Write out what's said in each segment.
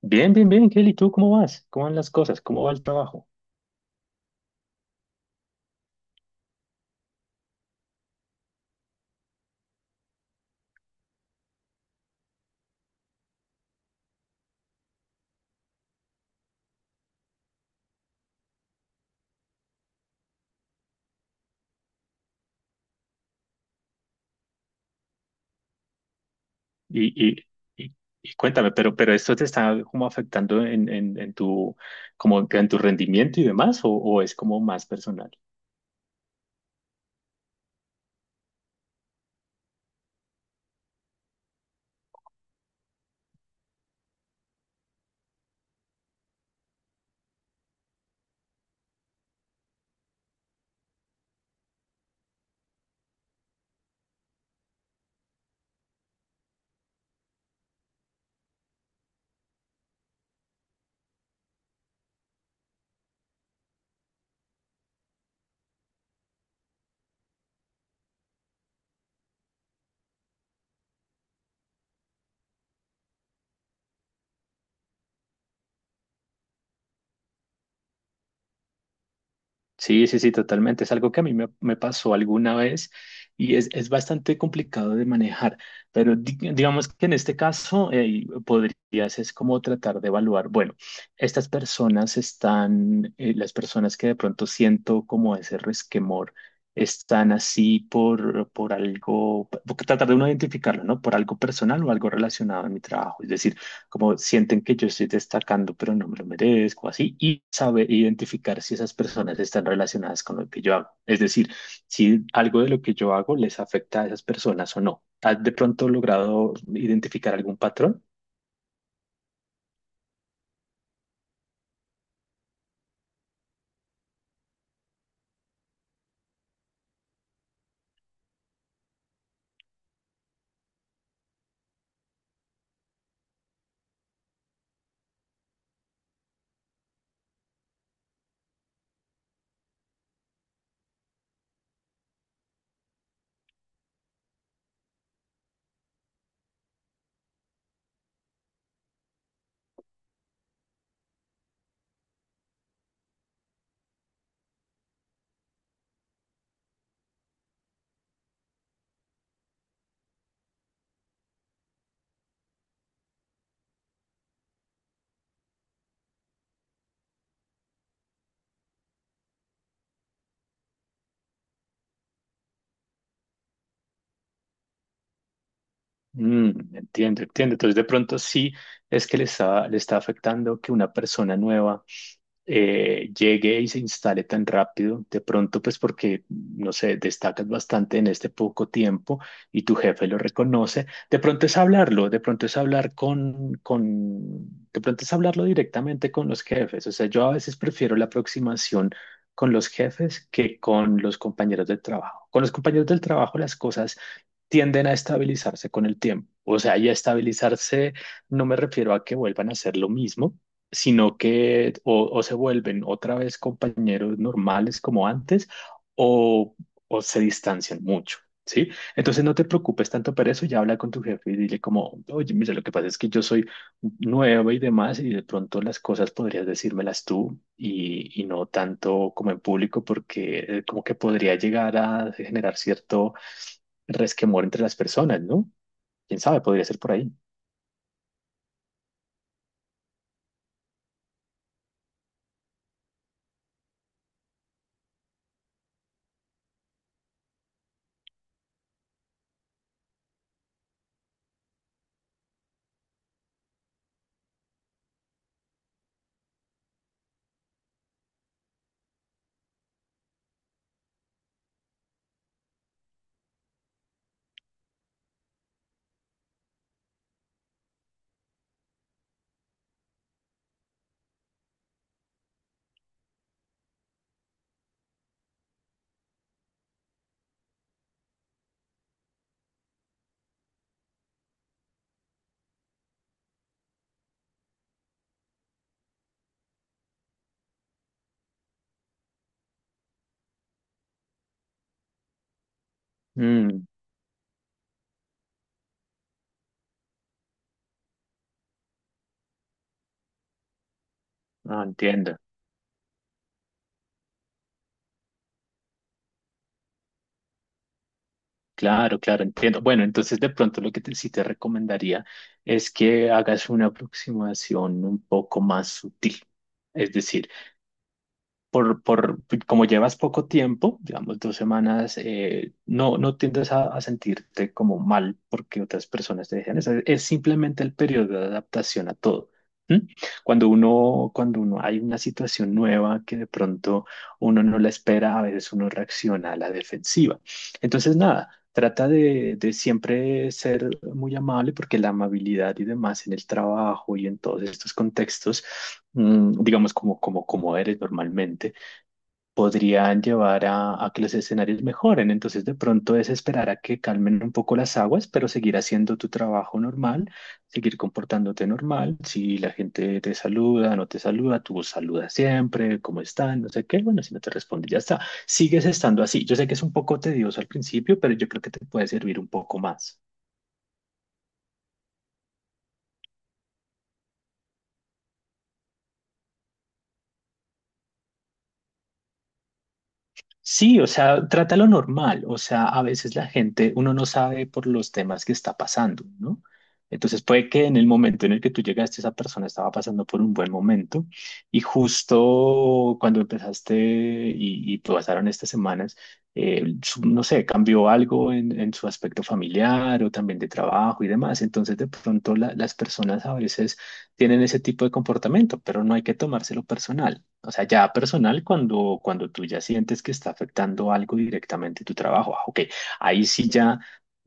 Bien, bien, bien, Kelly, ¿tú cómo vas? ¿Cómo van las cosas? ¿Cómo va el trabajo? Y, y, y, y cuéntame, pero esto te está como afectando en tu, como en tu rendimiento y demás, o ¿es como más personal? Sí, sí, sí, totalmente. Es algo que a mí me pasó alguna vez y es bastante complicado de manejar, pero digamos que en este caso podrías es como tratar de evaluar, bueno, estas personas están, las personas que de pronto siento como ese resquemor, están así por algo, tratar de uno identificarlo, ¿no? Por algo personal o algo relacionado a mi trabajo. Es decir, como sienten que yo estoy destacando, pero no me lo merezco, así, y saber identificar si esas personas están relacionadas con lo que yo hago. Es decir, si algo de lo que yo hago les afecta a esas personas o no. ¿Has de pronto logrado identificar algún patrón? Entiendo, entiendo. Entonces, de pronto sí es que le está afectando que una persona nueva llegue y se instale tan rápido, de pronto pues porque, no sé, destacas bastante en este poco tiempo y tu jefe lo reconoce, de pronto es hablarlo, de pronto es hablar de pronto es hablarlo directamente con los jefes, o sea, yo a veces prefiero la aproximación con los jefes que con los compañeros del trabajo. Con los compañeros del trabajo las cosas tienden a estabilizarse con el tiempo. O sea, y a estabilizarse no me refiero a que vuelvan a hacer lo mismo, sino que o se vuelven otra vez compañeros normales como antes o, o se distancian mucho. ¿Sí? Entonces no te preocupes tanto por eso, ya habla con tu jefe y dile como, oye, mira, lo que pasa es que yo soy nueva y demás y de pronto las cosas podrías decírmelas tú y no tanto como en público porque como que podría llegar a generar cierto resquemor entre las personas, ¿no? ¿Quién sabe? Podría ser por ahí. Mm, ah, entiendo. Claro, claro, entiendo. Bueno, entonces de pronto lo que sí te recomendaría es que hagas una aproximación un poco más sutil. Es decir, por como llevas poco tiempo, digamos 2 semanas, no tiendes a sentirte como mal porque otras personas te dejan. Es simplemente el periodo de adaptación a todo. ¿M? Cuando uno hay una situación nueva que de pronto uno no la espera, a veces uno reacciona a la defensiva. Entonces, nada, trata de siempre ser muy amable porque la amabilidad y demás en el trabajo y en todos estos contextos digamos, como eres normalmente podrían llevar a que los escenarios mejoren. Entonces, de pronto es esperar a que calmen un poco las aguas, pero seguir haciendo tu trabajo normal, seguir comportándote normal. Si la gente te saluda, no te saluda, tú saludas siempre, ¿cómo están? No sé qué. Bueno, si no te responde, ya está. Sigues estando así. Yo sé que es un poco tedioso al principio, pero yo creo que te puede servir un poco más. Sí, o sea, trátalo normal. O sea, a veces la gente, uno no sabe por los temas que está pasando, ¿no? Entonces puede que en el momento en el que tú llegaste, esa persona estaba pasando por un buen momento y justo cuando empezaste y pasaron estas semanas, no sé, cambió algo en su aspecto familiar o también de trabajo y demás. Entonces de pronto las personas a veces tienen ese tipo de comportamiento, pero no hay que tomárselo personal. O sea, ya personal, cuando tú ya sientes que está afectando algo directamente tu trabajo, ah, ok, ahí sí ya,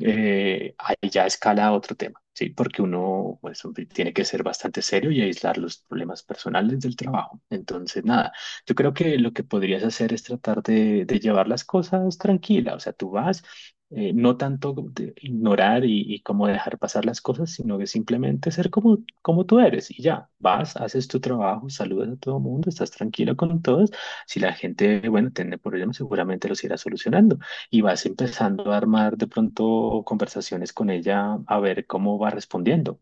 ahí ya escala a otro tema, ¿sí? Porque uno, pues, tiene que ser bastante serio y aislar los problemas personales del trabajo. Entonces, nada, yo creo que lo que podrías hacer es tratar de llevar las cosas tranquila. O sea, tú vas no tanto de ignorar y como dejar pasar las cosas, sino que simplemente ser como, como tú eres y ya, vas, haces tu trabajo, saludas a todo el mundo, estás tranquilo con todos. Si la gente, bueno, tiene problemas, seguramente los irá solucionando y vas empezando a armar de pronto conversaciones con ella a ver cómo va respondiendo.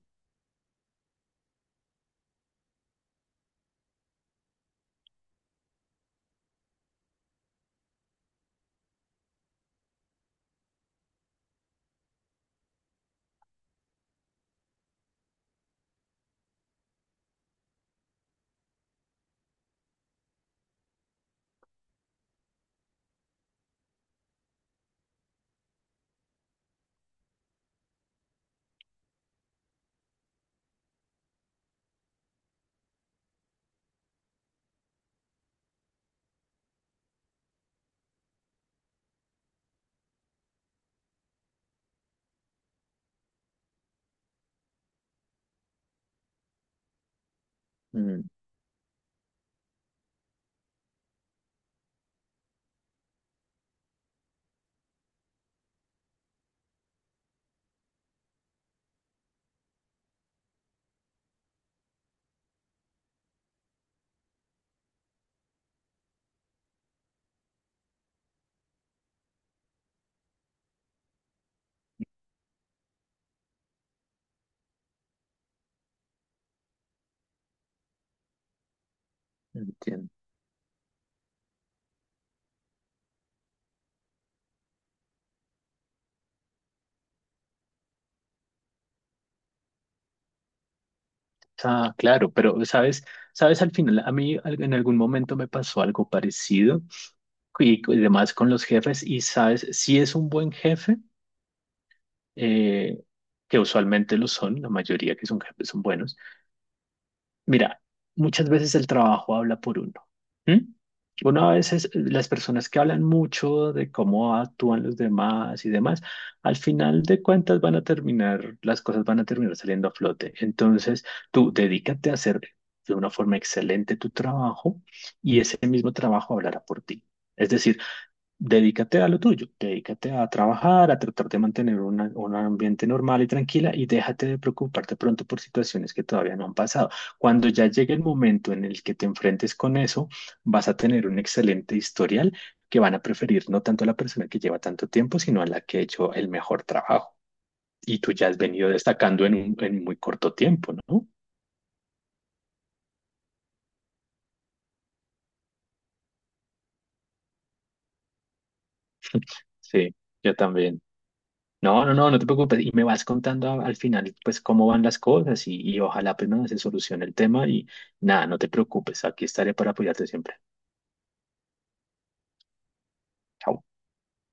Mm, entiendo. Ah, claro, pero sabes, sabes, al final, a mí en algún momento me pasó algo parecido y demás con los jefes y sabes, si es un buen jefe, eh, que usualmente lo son, la mayoría que son jefes son buenos. Mira, muchas veces el trabajo habla por uno. ¿M? Uno a veces, las personas que hablan mucho de cómo actúan los demás y demás, al final de cuentas van a terminar, las cosas van a terminar saliendo a flote. Entonces, tú dedícate a hacer de una forma excelente tu trabajo y ese mismo trabajo hablará por ti. Es decir, dedícate a lo tuyo, dedícate a trabajar, a tratar de mantener un ambiente normal y tranquila y déjate de preocuparte pronto por situaciones que todavía no han pasado. Cuando ya llegue el momento en el que te enfrentes con eso, vas a tener un excelente historial que van a preferir no tanto a la persona que lleva tanto tiempo, sino a la que ha hecho el mejor trabajo. Y tú ya has venido destacando en un, en muy corto tiempo, ¿no? Sí, yo también. No, no, no, no te preocupes. Y me vas contando al final, pues, cómo van las cosas y ojalá, pues, nada, se solucione el tema y nada, no te preocupes. Aquí estaré para apoyarte siempre. Chao.